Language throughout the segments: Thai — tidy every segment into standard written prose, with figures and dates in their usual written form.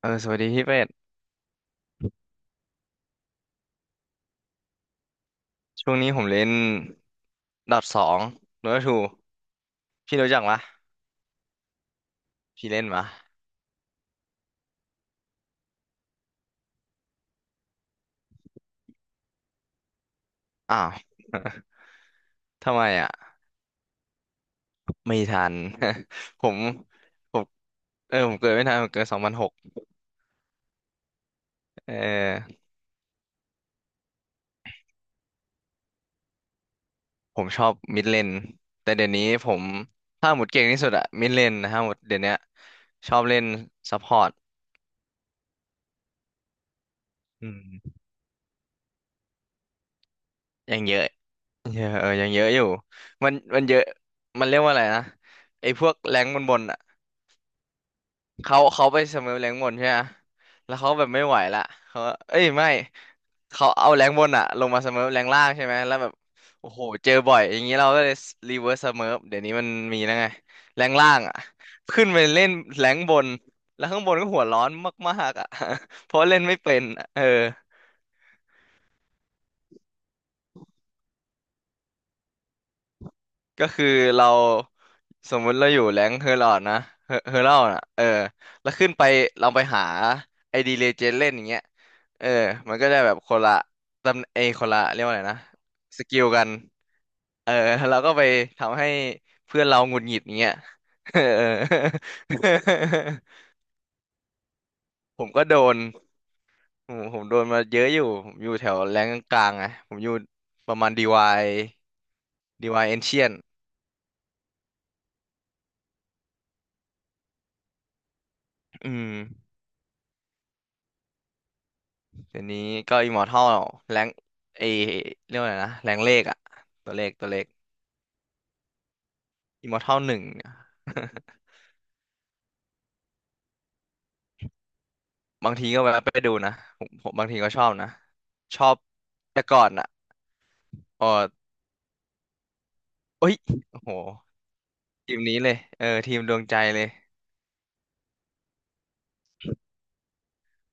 เออสวัสดีพี่เป็ดช่วงนี้ผมเล่นดอทสองโดทูพี่รู้จักปะพี่เล่นปะอ้าว ทำไมอ่ะไม่ทัน ผมผมเออผมเกิดไม่ทันผมเกิด2006เออผมชอบมิดเลนแต่เดี๋ยวนี้ผมถ้าหมดเก่งที่สุดอะมิดเลนนะครับหมดเดี๋ยวเนี้ยชอบเล่นซัพพอร์ตอืมยังเยอะเยอะเออยังเยอะอยู่มันเยอะมันเรียกว่าอะไรนะไอ้พวกแรงบนๆ เขาไปเสมอแรงบนใช่ไหมแล้วเขาแบบไม่ไหวละเขาเอ้ยไม่ เขาเอาแรงบนอะลงมาเสมอแรงล่างใช่ไหมแล้วแบบโอ้โหเจอบ่อยอย่างนี้เราก็เลยรีเวิร์สเสมอเดี๋ยวนี้มันมีแล้วไงแรงล่างอะขึ้นไปเล่นแรงบนแล้วข้างบนก็หัวร้อนมากๆอะ เพราะเล่นไม่เป็นอะเออก็คือเรา สมมุติเราอยู่แรงค์เฮอร์ลอดนะเฮอร์ลอดอ่ะเออแล้วขึ้นไปเราไปหาไอดีเลเจนเล่นอย่างเงี้ยเออมันก็ได้แบบคนละตำเอยคนละเรียกว่าอะไรนะ สกิลกันเออเราก็ไปทำให้เพื่อนเราหงุดหงิดอย่างเงี้ยเออ ผมก็โดนผมโดนมาเยอะอยู่ผมอยู่แถวแรงกลางๆไงผมอยู่ประมาณดีวายดีวายเอนชียอืม เดี๋ยวนี้ก็อิมมอร์ทัลแรงเอเรียกว่าอะไรนะแรงเลขอะตัวเลขอิมมอร์ทัลหนึ่งเนี่ย บางทีก็แวะไปดูนะผมบางทีก็ชอบนะชอบแต่ก่อนอะอ๋อเอ้ยโอ้โหทีมนี้เลยเออทีมดวงใจเลย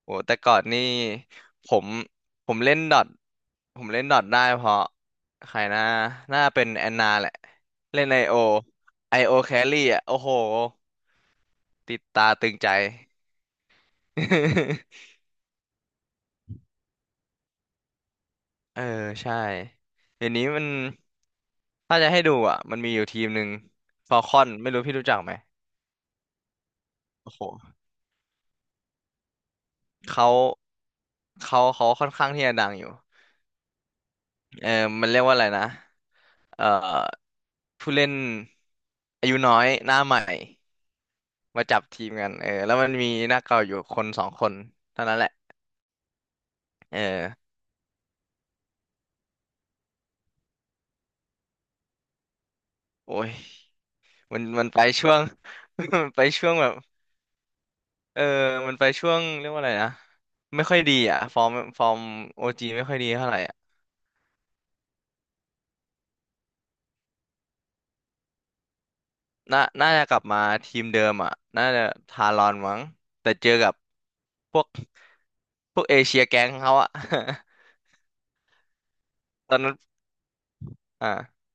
โอ้แต่ก่อนนี่ผมผมเล่นดอทผมเล่นดอทได้เพราะใครนะน่าเป็นแอนนาแหละเล่นไอโอไอโอแครี่อะโอ้โหติดตาตึงใจ เออใช่เดี๋ยวนี้มันถ้าจะให้ดูอ่ะมันมีอยู่ทีมหนึ่งฟอลคอนไม่รู้พี่รู้จักไหมโอ้โหเขาเขาค่อนข้างที่จะดังอยู่เออมันเรียกว่าอะไรนะเอ่อผู้เล่นอายุน้อยหน้าใหม่มาจับทีมกันเออแล้วมันมีหน้าเก่าอยู่คนสองคนเท่านั้นแหละเออโอ้ยมันไปช่วง มันไปช่วงแบบ เออ มันไปช่วงเรียกว่าอะไรนะ ไม่ค่อยดีอ่ะ ฟอร์มโอจีไม่ค่อยดีเท่าไหร่อ่ะน่าจะกลับมาทีมเดิมอ่ะ น่าจะทารอนมั้งแต่เจอกับพวก พวกเอเชียแก๊งเขาอ่ะ ตอนนั้นอ่า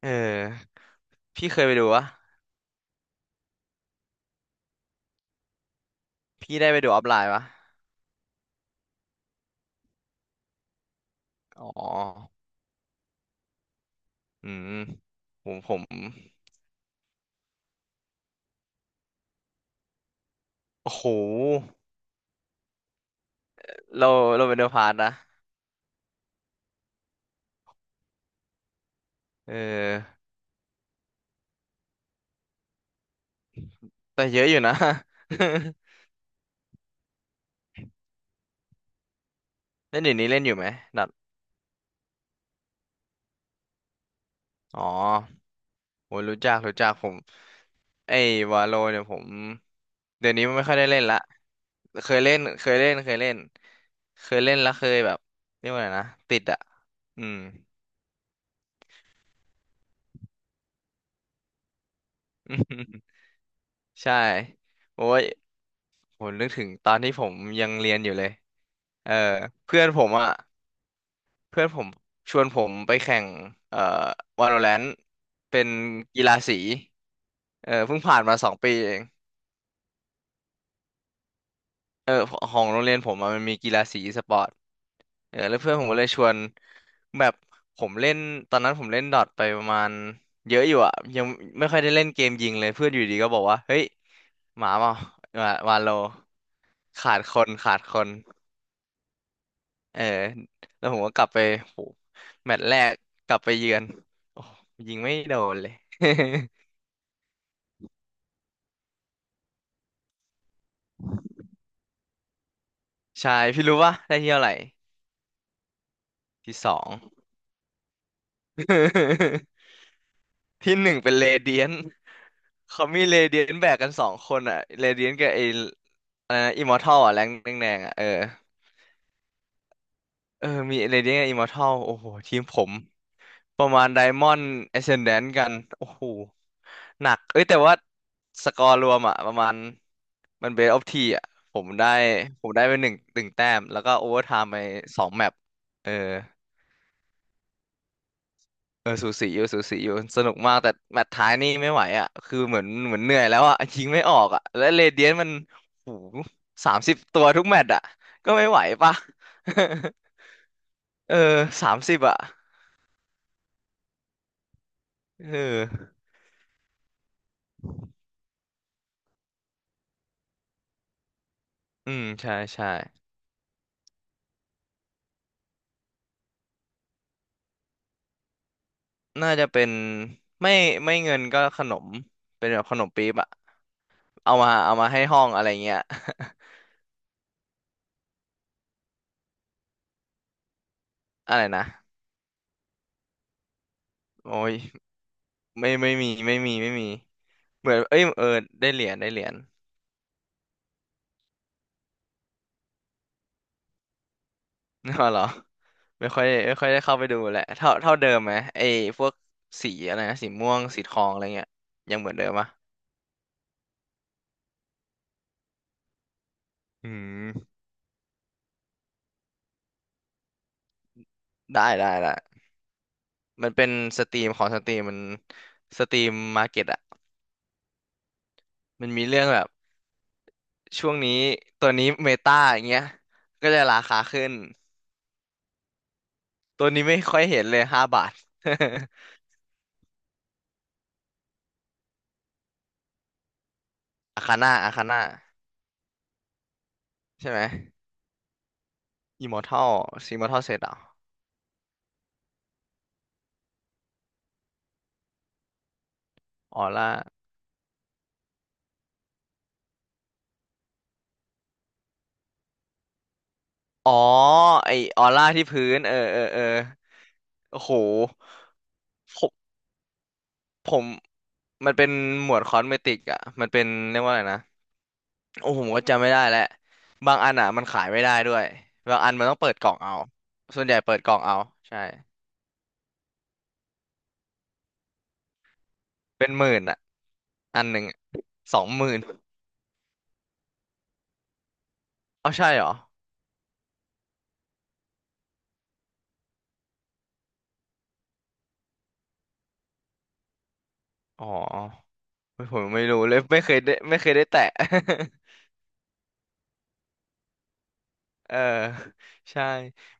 เออ พี่เคยไปดูวะ พี่ได้ไปดูออฟไลน์ปะอ๋อ อืมผม โอ้โห เราเราเป็นเดอะพาร์ตนะ เออ แต่เยอะอยู่นะ เล่นอยู่นี้เล่นอยู่ไหมดัดอ๋อ โอ้ยรู้จักรู้จักผมไอ้วาโลเนี่ยผมเดี๋ยวนี้ไม่ค่อยได้เล่นละเคยเล่นเคยเล่นเคยเล่นเคยเล่นแล้วเคยแบบเรียกว่าไงนะติดอ่ะอืม ใช่โอ้ยผมนึกถึงตอนที่ผมยังเรียนอยู่เลยเออเพื่อนผมอ่ะเพื่อนผมชวนผมไปแข่งเอ่อ Valorant เป็นกีฬาสีเออเพิ่งผ่านมา2 ปีเอง เออของโรงเรียนผมอะมันมีกีฬาสีอีสปอร์ตเออแล้วเพื่อนผมก็เลยชวนแบบผมเล่นตอนนั้นผมเล่นดอทไปประมาณเยอะอยู่อ่ะยังไม่ค่อยได้เล่นเกมยิงเลยเพื่อนอยู่ดีก็บอกว่าเฮ้ยหมาเปล่าวาโลขาดคนขาดคนเออแล้วผมก็กลับไปโหแมตช์แรกกลับไปเยือนโอ้ยิงไม่โดนเลย ใช่พี่รู้ปะได้ที่เท่าไหร่ที่สอง ที่หนึ่งเป็นเรเดียน เขามีเรเดียนแบกกันสองคนอ่ะเรเดียนกับไอ้อะไรนะอิมมอร์ทัลอ่ะแรงแดงๆอ่ะเออเออมีเรเดียนกับอิมมอร์ทัลโอ้โหทีมผมประมาณไดมอนด์เอ c เซนแดนกันโอ้โหหนักเอ้ยแต่ว่าสกอร์รวมอ่ะประมาณมันเบสออฟทีอ่ะผมได้ผมได้ไป11 แต้มแล้วก็โอเวอร์ไทม์ไป2 แมปเออ เออสูสีอยู่สูสีอยู่สนุกมากแต่แมตช์ท้ายนี่ไม่ไหวอ่ะคือเหมือนเหมือนเหนื่อยแล้วอ่ะยิงไม่ออกอ่ะและเรเดียนมันโอ้30 ตัวทุกแมตช์อ่ะก็ไม่ไหวปะ เออ30อ่ะเอออืมใช่ใช่น่าจะเป็นไม่ไม่เงินก็ขนมเป็นแบบขนมปี๊บอ่ะเอามาเอามาให้ห้องอะไรเงี้ย อะไรนะโอ้ยไม่ไม่มีไม่มีไม่มีเหมือนเอ้ยเออได้เหรียญได้เหรียญ อ๋อเหรอ ไม่ค่อยไม่ค่อยได้เข้าไปดูแหละเท่าเท่าเดิมไหมไอ้พวกสีอะไรนะสีม่วงสีทองอะไรเงี้ยยังเหมือนเดิมปะอืมได้ได้ละมันเป็นสตรีมของสตรีมมันสตรีมมาร์เก็ตอะมันมีเรื่องแบบช่วงนี้ตัวนี้เมตาอย่างเงี้ยก็จะราคาขึ้นตัวนี้ไม่ค่อยเห็นเลย5 บาท อาคาน่าอาคาน่าใช่ไหมอิมอร์ทัลซีมอร์ทัลเซตอ่ะออร่าอ๋อไอออร่าที่พื้นเออเออเออโอ้โหโค ผมมันเป็นหมวดคอสเมติกอ่ะมันเป็นเรียกว่าอะไรนะโอ้ผมก็จำไม่ได้แล้วบางอันอ่ะมันขายไม่ได้ด้วยบางอันมันต้องเปิดกล่องเอาส่วนใหญ่เปิดกล่องเอาใช่เป็นหมื่นอ่ะอันหนึ่งอะ20,000เอาใช่เหรออ๋อผมไม่รู้เลยไม่เคยได้ไม่เคยได้แตะ เออใช่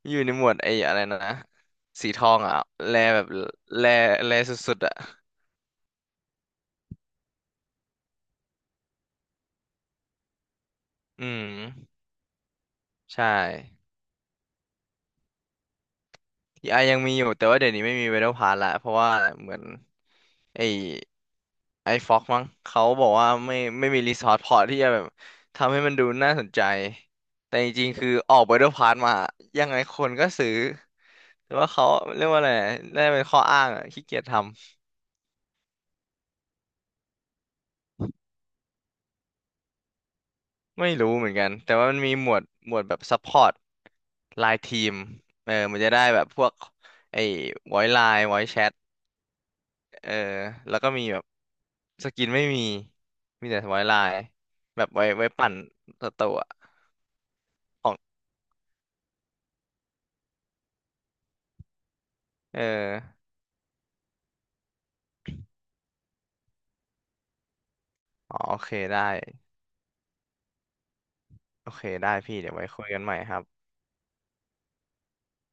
อยู่ในหมวดไอ้อะไรนะสีทองอ่ะแลแบบแลแลสุดๆอ่ะอืมใช่ ทีไอยังมีอยู่แต่ว่าเดี๋ยวนี้ไม่มีเวโรพาร์ละเพราะว่าเหมือนไอไอฟ็อกมั้งเขาบอกว่าไม่ไม่มีรีซอสพอที่จะแบบทำให้มันดูน่าสนใจแต่จริงๆคือออกเวโรพาร์มายังไงคนก็ซื้อแต่ว่าเขาเรียกว่าอะไรน่าจะเป็นข้ออ้างอะขี้เกียจทำไม่รู้เหมือนกันแต่ว่ามันมีหมวดหมวดแบบซัพพอร์ตไลน์ทีมเออมันจะได้แบบพวกไอ้ไวไลน์ไวแชทเออแล้วก็มีแบบ สกินไม่มี มีแต่ไว้ลายแบบไว้ไว้ปั่นตัวตัวของเอออ๋อโอเคได้โอเคได้พี่เดี๋ยวไว้คุยกันใหม่ครับ